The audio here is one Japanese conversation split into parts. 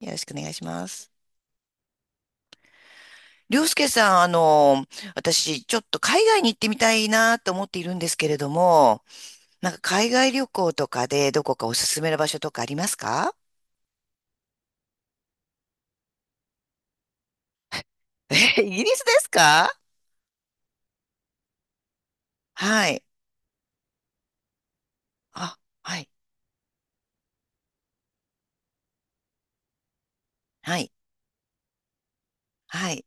よろしくお願いします。りょうすけさん、私、ちょっと海外に行ってみたいなと思っているんですけれども、なんか海外旅行とかでどこかおすすめの場所とかありますか？え、イギリスですか？はい。あ、はい。はい。はい。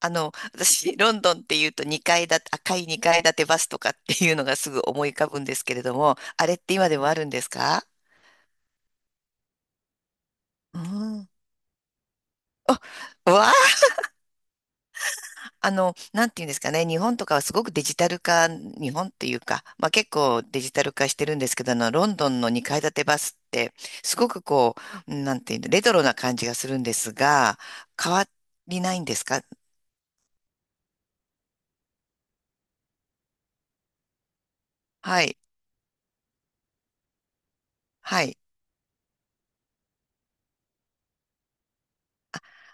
私、ロンドンっていうと2階建赤い2階建てバスとかっていうのがすぐ思い浮かぶんですけれども、あれって今でもあるんですか？うん。わあ、なんていうんですかね、日本とかはすごくデジタル化、日本っていうか、まあ結構デジタル化してるんですけど、ロンドンの2階建てバスって、すごくこう、なんていうの、レトロな感じがするんですが、変わりないんですか？はい、はい。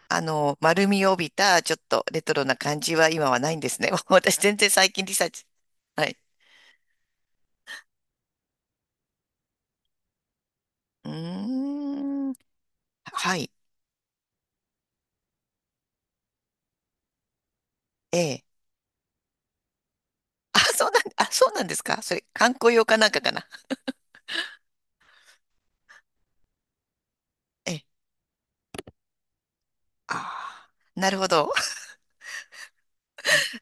丸みを帯びた、ちょっとレトロな感じは今はないんですね。私全然最近リサーチ。はい。うーん。はい。ええ。あ、そうなんですか？それ、観光用かなんかかな。ええ。ああ、なるほど。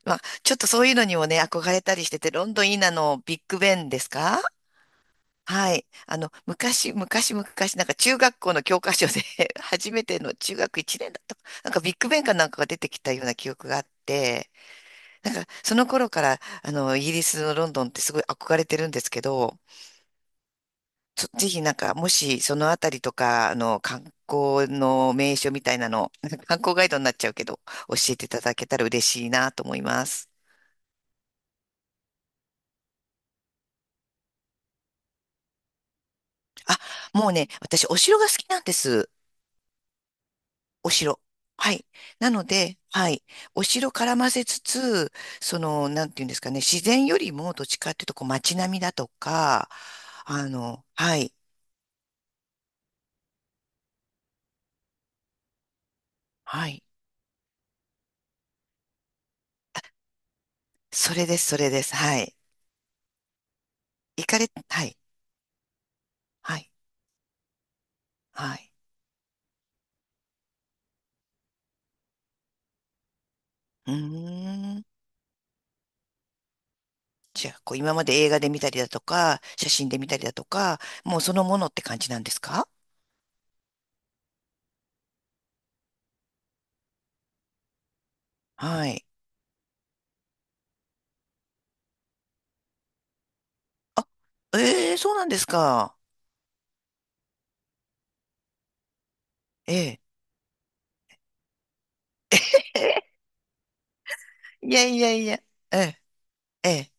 まあ、ちょっとそういうのにもね、憧れたりしてて、ロンドンいいなのビッグベンですか？はい。昔、昔、昔、なんか中学校の教科書で 初めての中学1年だったか。なんかビッグベンかなんかが出てきたような記憶があって、なんかその頃から、イギリスのロンドンってすごい憧れてるんですけど、ぜひなんか、もしそのあたりとか、観光の名所みたいなの、なんか観光ガイドになっちゃうけど、教えていただけたら嬉しいなと思います。あ、もうね、私、お城が好きなんです。お城。はい。なので、はい。お城絡ませつつ、その、なんていうんですかね、自然よりも、どっちかっていうと、こう、街並みだとか、はい。はい。それです、それです。はい。行かれ、はい。はい。はい。うーん。じゃあ、こう、今まで映画で見たりだとか、写真で見たりだとか、もうそのものって感じなんですか？はい。あ、ええ、そうなんですか。ええ。いやいやいや、ええ、ええ、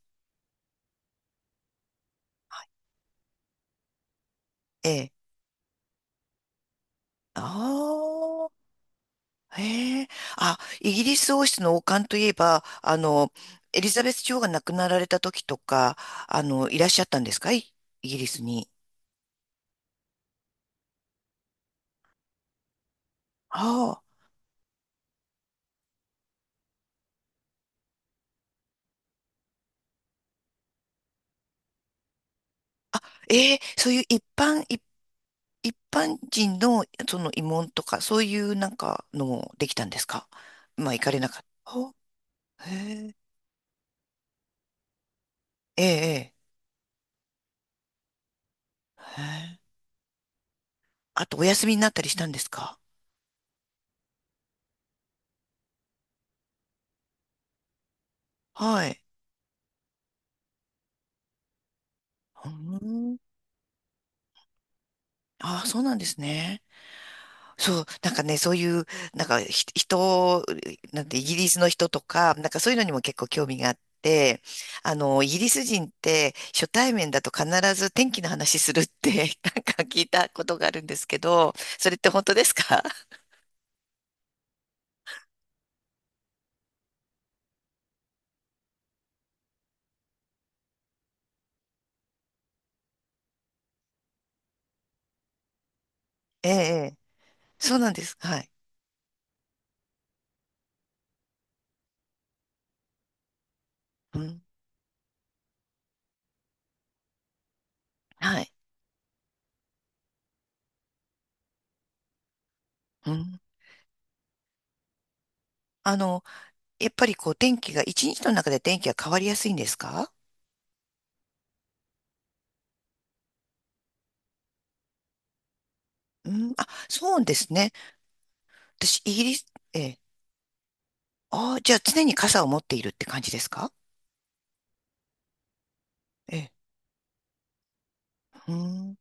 ええ。ああ、へえ。あ、イギリス王室の王冠といえば、エリザベス女王が亡くなられた時とか、いらっしゃったんですかい、イギリスに？ああ、ええ、そういう一般人のその慰問とか、そういうなんかのもできたんですか？まあ、行かれなかった。あ、へえ、ええ、ええ。へえ、あと、お休みになったりしたんですか？はい。うーん。ああ、そうなんですね。そう、なんかね、そういう、なんかひ人、なんてイギリスの人とか、なんかそういうのにも結構興味があって、イギリス人って初対面だと必ず天気の話するって なんか聞いたことがあるんですけど、それって本当ですか？ ええ、ええ、そうなんです。はい。うん、はい。うん、あの、やっぱりこう天気が、一日の中で天気が変わりやすいんですか？うん、あ、そうですね。私、イギリス、ええ、ああ、じゃあ常に傘を持っているって感じですか？ええ、うーん。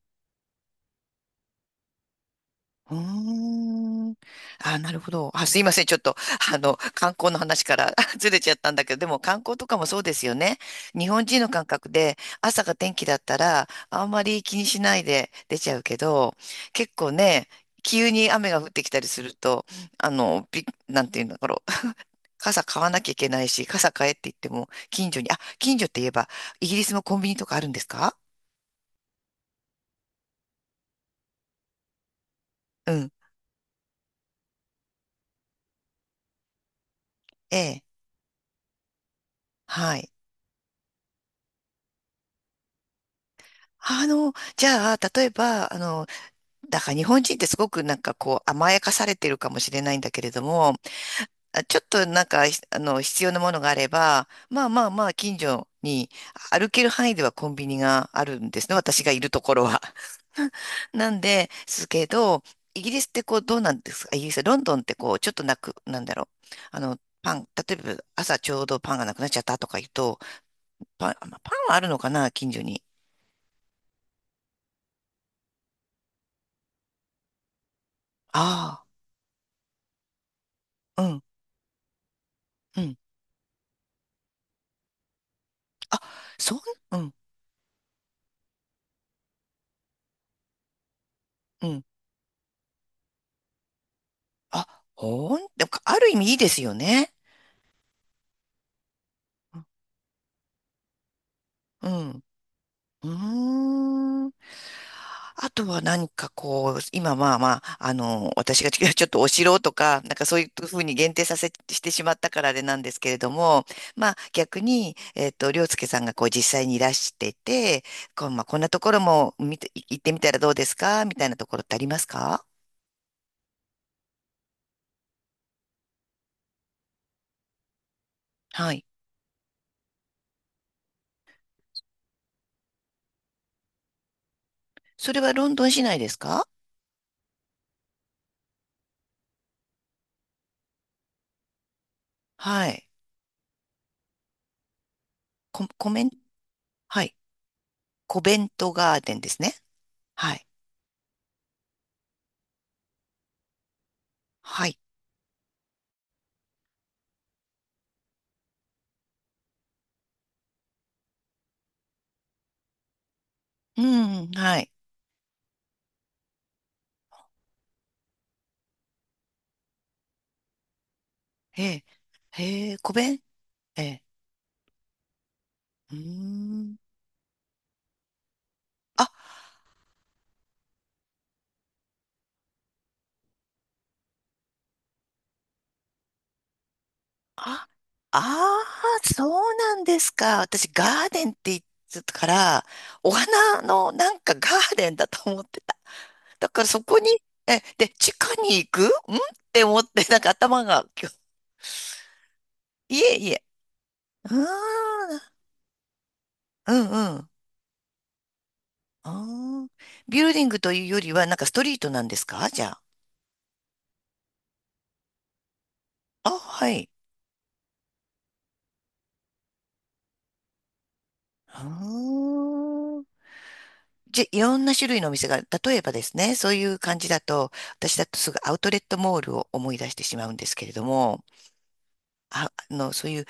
うーん。あ、なるほど。あ、すいません。ちょっと、観光の話から ずれちゃったんだけど、でも観光とかもそうですよね。日本人の感覚で、朝が天気だったら、あんまり気にしないで出ちゃうけど、結構ね、急に雨が降ってきたりすると、なんていうんだろう。傘買わなきゃいけないし、傘買えって言っても、近所に、あ、近所って言えば、イギリスもコンビニとかあるんですか？うん。ええ。はい。じゃあ、例えば、だから日本人ってすごくなんかこう甘やかされてるかもしれないんだけれども、あちょっとなんか、ひあの、必要なものがあれば、まあまあまあ、近所に歩ける範囲ではコンビニがあるんですね。私がいるところは。なんで、すけど、イギリスってこうどうなんですか？イギリス、ロンドンってこう、ちょっとなく、なんだろう。パン、例えば朝ちょうどパンがなくなっちゃったとか言うと、パン、あまあパンはあるのかな、近所に。ああ、うん。うん、あ、そん、うん、うん。あ、でも、ある意味いいですよね。うん。うん。うーん。あとは何かこう、今まあまあ、私が ちょっとお城とか、なんかそういうふうに限定させしてしまったからあれなんですけれども、まあ逆に、りょうすけさんがこう実際にいらしてて、こう、まあこんなところも見て、行ってみたらどうですかみたいなところってありますか？はい。それはロンドン市内ですか？はい。コ、コメン、はい。コベントガーデンですね。はい。はい。うん、はい。ええ。へえ、コベン、ええ。うーん。あ、あ、ああ、そうなんですか。私、ガーデンって言ってたから、お花のなんかガーデンだと思ってた。だからそこに、え、で、地下に行くんって思って、なんか頭が、今日いえいえ。うーん、うんうん。あービルディングというよりは、なんかストリートなんですか、じゃあ？あ、はい。うーん、いろんな種類のお店が、例えばですね、そういう感じだと、私だとすぐアウトレットモールを思い出してしまうんですけれども、あ、そういう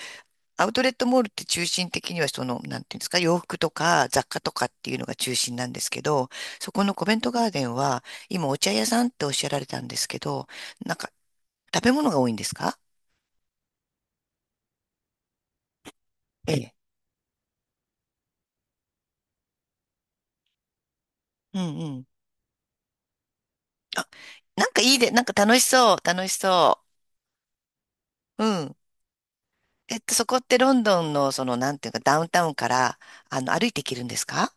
アウトレットモールって中心的にはその、なんていうんですか、洋服とか雑貨とかっていうのが中心なんですけど、そこのコメントガーデンは、今お茶屋さんっておっしゃられたんですけど、なんか食べ物が多いんですか？ええ。うんうん。あ、なんかいいで、なんか楽しそう、楽しそう。うん。そこってロンドンの、その、なんていうか、ダウンタウンから、歩いて行けるんですか？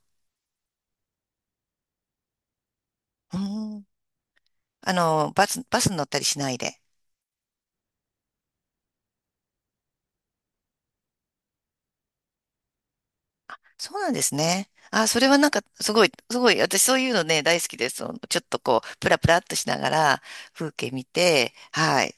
うーん。バスに乗ったりしないで。そうなんですね。あ、それはなんか、すごい、すごい、私そういうのね、大好きです。そのちょっとこう、プラプラっとしながら、風景見て、はい。